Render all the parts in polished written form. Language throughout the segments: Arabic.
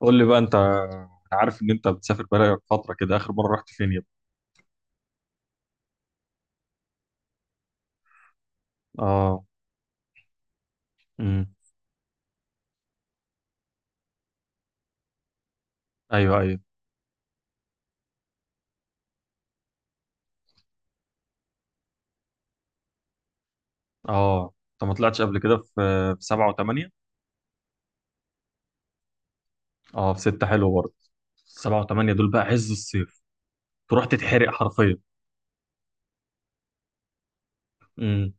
قول لي بقى، انت، انا عارف ان انت بتسافر بقالك فتره كده. اخر مره رحت فين يابا؟ اه. امم. ايوه، ايوه. اه، انت ما طلعتش قبل كده في سبعه وثمانيه؟ اه، في سته حلو برضه. سبعه وثمانيه دول بقى عز الصيف. تروح تتحرق حرفيا. امم.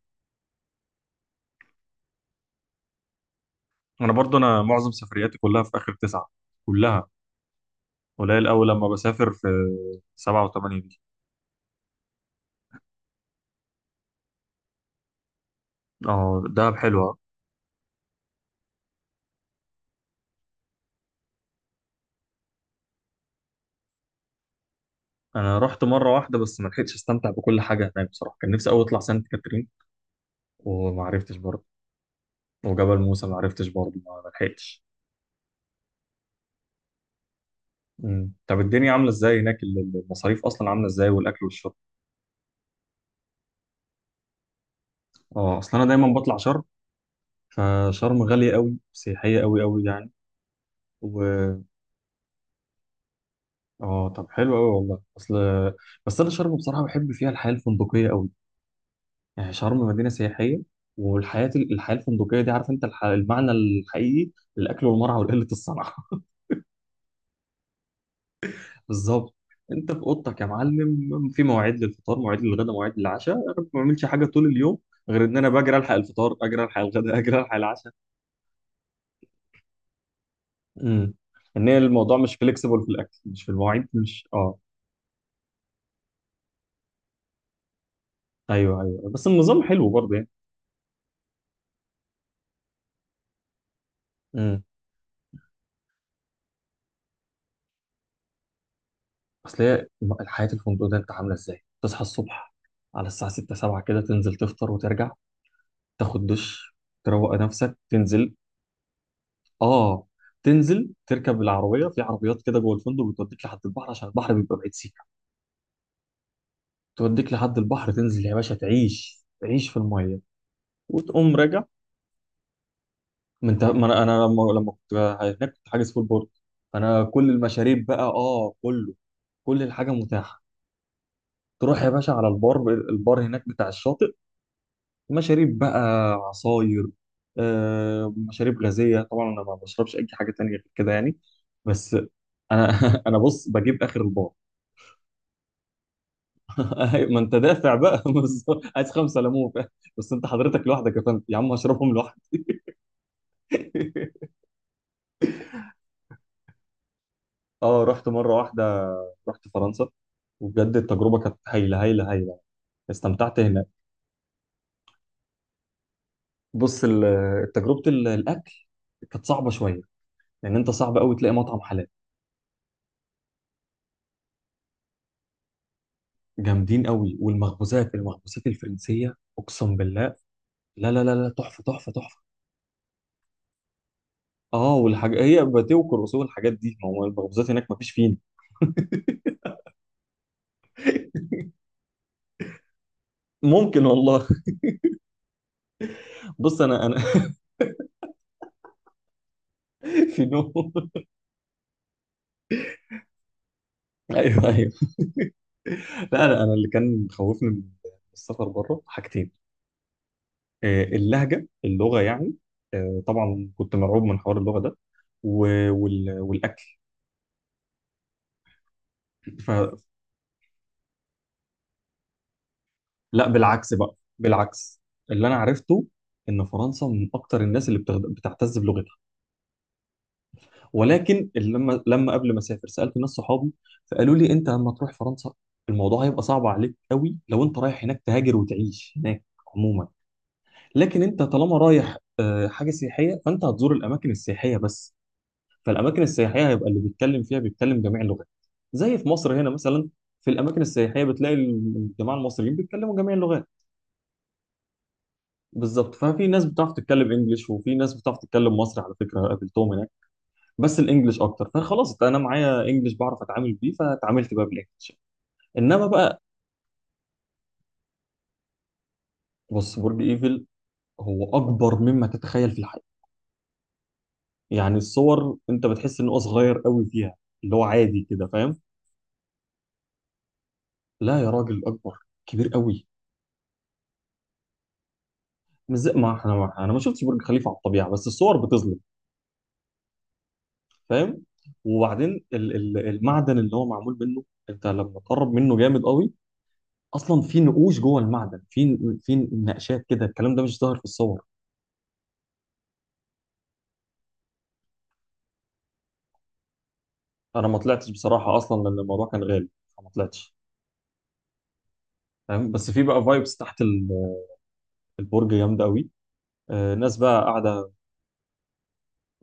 انا برضه، انا معظم سفرياتي كلها في اخر تسعه، كلها. قليل قوي لما بسافر في سبعه وثمانيه دي. اه، دهب حلوه. انا رحت مره واحده بس ما لحقتش استمتع بكل حاجه هناك بصراحه. كان نفسي قوي اطلع سانت كاترين وما عرفتش برضه. وجبل موسى ما عرفتش برضه، ما لحقتش. مم. طب الدنيا عامله ازاي هناك؟ المصاريف اصلا عامله ازاي؟ والاكل والشرب؟ اه، اصل انا دايما بطلع شرم، فشرم غاليه قوي، سياحيه قوي قوي يعني. و... اه، طب حلو قوي والله. اصل بس انا شرم بصراحه بحب فيها الحياه الفندقيه قوي. يعني شرم مدينه سياحيه. والحياه الحياه الفندقيه دي، عارف انت المعنى الحقيقي للاكل والمرعى وقله الصنعه. بالظبط. انت في اوضتك يا معلم، في مواعيد للفطار، مواعيد للغداء، مواعيد للعشاء. انا ما بعملش حاجه طول اليوم غير ان انا بجري الحق الفطار، اجري الحق الغداء، اجري الحق العشاء. امم. ان هي الموضوع مش فليكسيبل في الاكل، مش في المواعيد، مش. اه ايوه، ايوه، بس النظام حلو برضه يعني. امم. اصل هي الحياه الفندق ده، انت عامله ازاي؟ تصحى الصبح على الساعه 6 7 كده، تنزل تفطر وترجع، تاخد دش، تروق نفسك تنزل. اه. تنزل تركب العربيه، في عربيات كده جوه الفندق بتوديك لحد البحر عشان البحر بيبقى بعيد سيك. توديك لحد البحر، تنزل يا باشا، تعيش تعيش في الميه وتقوم راجع. ما أنا لما كنت هناك كنت حاجز فول بورد، فانا كل المشاريب بقى، كله. كل الحاجه متاحه. تروح يا باشا على البار هناك بتاع الشاطئ. مشاريب بقى، عصاير، مشاريب غازيه طبعا. انا ما بشربش اي حاجه تانية غير كده يعني. بس انا انا بص بجيب اخر البار. ما انت دافع بقى. بس عايز خمسه ليمون. بس انت حضرتك لوحدك يا فندم؟ يا عم هشربهم لوحدي. اه، رحت مره واحده، رحت فرنسا. وبجد التجربه كانت هايله هايله هايله. استمتعت هناك. بص، تجربه الاكل كانت صعبه شويه لان انت صعب قوي تلاقي مطعم حلال. جامدين قوي. والمخبوزات، المخبوزات الفرنسيه اقسم بالله. لا لا لا لا، تحفه تحفه تحفه. اه، والحاجه هي باتيه وكروسيه والحاجات دي. ما هو المخبوزات هناك ما فيش فين. ممكن والله. بص انا في نوم. ايوه، ايوه. لا لا، انا اللي كان خوفني من السفر بره حاجتين. اللغه يعني. طبعا كنت مرعوب من حوار اللغه ده. والاكل. فلا، بالعكس بقى، بالعكس. اللي انا عرفته ان فرنسا من اكتر الناس اللي بتعتز بلغتها. ولكن لما قبل ما اسافر سالت ناس صحابي، فقالوا لي: انت لما تروح فرنسا الموضوع هيبقى صعب عليك قوي لو انت رايح هناك تهاجر وتعيش هناك عموما، لكن انت طالما رايح حاجه سياحيه فانت هتزور الاماكن السياحيه بس. فالاماكن السياحيه هيبقى اللي بيتكلم فيها بيتكلم جميع اللغات، زي في مصر هنا مثلا. في الاماكن السياحيه بتلاقي الجماعه المصريين بيتكلموا جميع اللغات. بالظبط. ففي ناس بتعرف تتكلم انجليش وفي ناس بتعرف تتكلم مصري، على فكره قابلتهم هناك. بس الانجليش اكتر، فخلاص انا معايا انجليش، بعرف اتعامل بيه، فاتعاملت بقى بالانجليش. انما بقى. بص، برج ايفل هو اكبر مما تتخيل في الحياه. يعني الصور انت بتحس ان هو صغير قوي فيها، اللي هو عادي كده فاهم. لا يا راجل، اكبر، كبير قوي. مش زي ما احنا، انا ما شفتش برج خليفه على الطبيعه بس الصور بتظلم، فاهم. وبعدين ال المعدن اللي هو معمول منه، انت لما تقرب منه جامد قوي. اصلا في نقوش جوه المعدن، في نقشات كده. الكلام ده مش ظاهر في الصور. انا ما طلعتش بصراحه اصلا لان الموضوع كان غالي، فما طلعتش فاهم. بس في بقى فايبس تحت البرج جامده قوي. ناس بقى قاعده.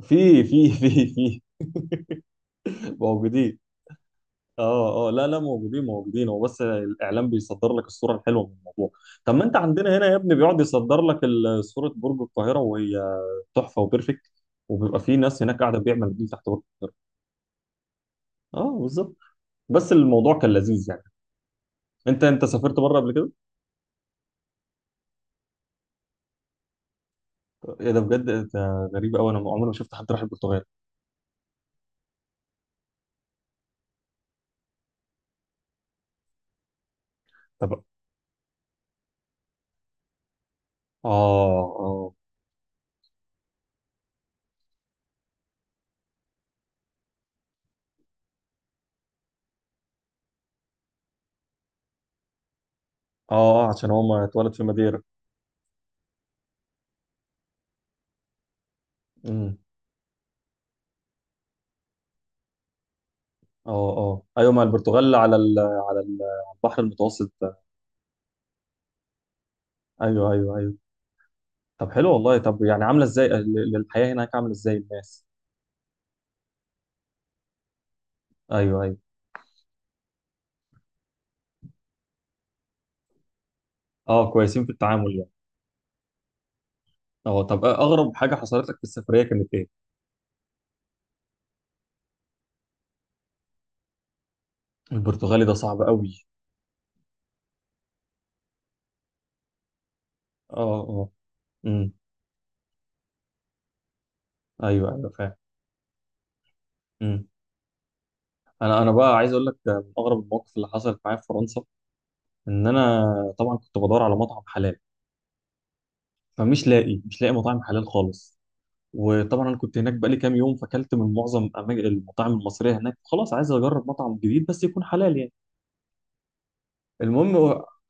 في موجودين. اه، اه، لا لا، موجودين موجودين. هو بس الاعلام بيصدر لك الصوره الحلوه من الموضوع. طب ما انت عندنا هنا يا ابني، بيقعد يصدر لك صوره برج القاهره وهي تحفه وبيرفكت، وبيبقى في ناس هناك قاعده بيعمل دي تحت برج. اه، بالظبط. بس الموضوع كان لذيذ يعني. انت سافرت بره قبل كده؟ ايه ده، بجد؟ ده غريب قوي، انا عمري ما شفت حد راح البرتغال. طب. اه، اه. اه، عشان هو ما اتولد في ماديرا. امم. اه، اه، ايوه، ما البرتغال على على البحر المتوسط. ايوه، ايوه، ايوه. طب حلو والله. طب يعني عامله ازاي الحياه هناك؟ عامله ازاي الناس؟ ايوه، ايوه. اه، كويسين في التعامل يعني. اه، طب اغرب حاجه حصلت لك في السفريه كانت ايه؟ البرتغالي ده صعب قوي. اه، اه. امم. ايوه، ايوه فاهم. امم. انا بقى عايز اقول لك ده من اغرب المواقف اللي حصلت معايا في فرنسا. ان انا طبعا كنت بدور على مطعم حلال، فمش لاقي مش لاقي مطاعم حلال خالص. وطبعا انا كنت هناك بقالي كام يوم، فاكلت من معظم المطاعم المصريه هناك. خلاص، عايز اجرب مطعم جديد بس يكون حلال يعني. المهم،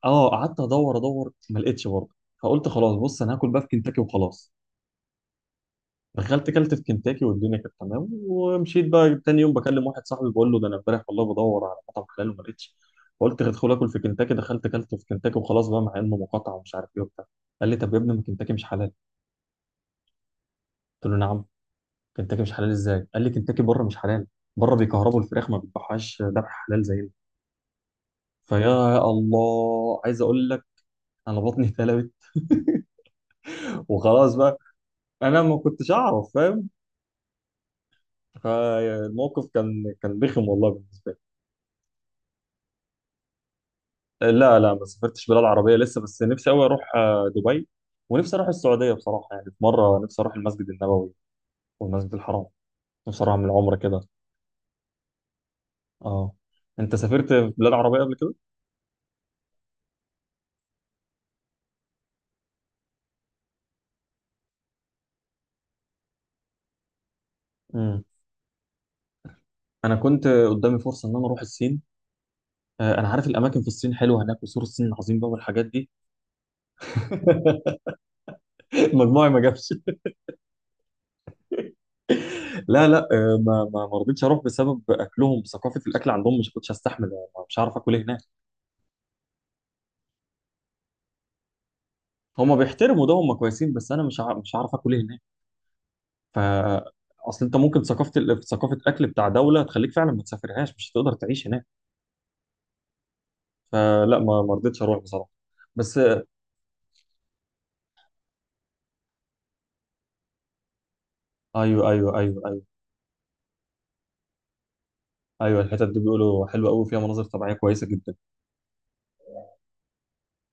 اه، قعدت ادور ادور ما لقيتش برضه. فقلت خلاص بص، انا هاكل بقى في كنتاكي وخلاص. دخلت كلت في كنتاكي والدنيا كانت تمام ومشيت. بقى تاني يوم بكلم واحد صاحبي، بقول له: ده انا امبارح والله بدور على مطعم حلال وما لقيتش، فقلت هدخل اكل في كنتاكي، دخلت كلت في كنتاكي وخلاص بقى، مع انه مقاطعه ومش عارف ايه وبتاع. قال لي: طب يا ابني ما كنتاكي مش حلال. قلت له: نعم؟ كنتاكي مش حلال ازاي؟ قال لي: كنتاكي بره مش حلال. بره بيكهربوا الفراخ، ما بيذبحوهاش ذبح حلال زينا. فيا الله، عايز اقول لك انا بطني اتقلبت. وخلاص بقى، انا ما كنتش اعرف فاهم. فالموقف كان بخم والله بالنسبه لي. لا لا، ما سافرتش بلاد عربيه لسه، بس نفسي قوي اروح دبي، ونفسي اروح السعوديه بصراحه. يعني في مره نفسي اروح المسجد النبوي والمسجد الحرام. نفسي اروح اعمل عمره كده. اه. انت سافرت بلاد عربيه قبل كده؟ امم. انا كنت قدامي فرصه ان انا اروح الصين. انا عارف الاماكن في الصين حلوه هناك، وسور الصين العظيم بقى والحاجات دي. مجموعي ما جابش. لا لا، ما رضيتش اروح بسبب اكلهم. ثقافه الاكل عندهم مش كنتش هستحمل. مش عارف اكل إيه هناك. هم بيحترموا ده، هم كويسين، بس انا مش عارف اكل إيه هناك. ف. اصل انت ممكن ثقافه ثقافه اكل بتاع دوله تخليك فعلا ما تسافرهاش، مش هتقدر تعيش هناك. فلا، ما رضيتش اروح بصراحه. بس ايوه، ايوه، ايوه، ايوه. ايوه، الحتت دي بيقولوا حلوه قوي، فيها مناظر طبيعيه كويسه جدا.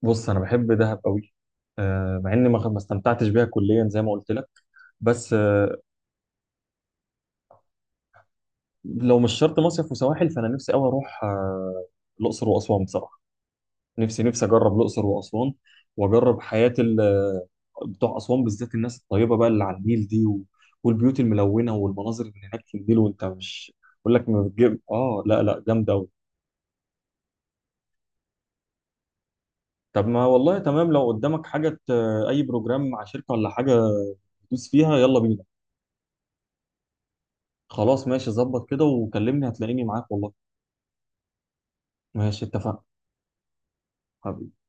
بص انا بحب دهب قوي. مع اني ما استمتعتش بيها كليا زي ما قلت لك. بس لو مش شرط مصيف وسواحل فانا نفسي قوي اروح الاقصر واسوان بصراحه. نفسي اجرب الاقصر واسوان. واجرب حياه بتوع اسوان بالذات، الناس الطيبه بقى اللي على النيل دي و... والبيوت الملونه والمناظر اللي هناك في النيل. وانت مش بقول لك، ما بتجيب لا لا، جامده قوي. طب ما والله تمام، لو قدامك حاجه اي بروجرام مع شركه ولا حاجه تدوس فيها، يلا بينا. خلاص ماشي، ظبط كده وكلمني هتلاقيني معاك والله. ماشي اتفقنا. حبيبي.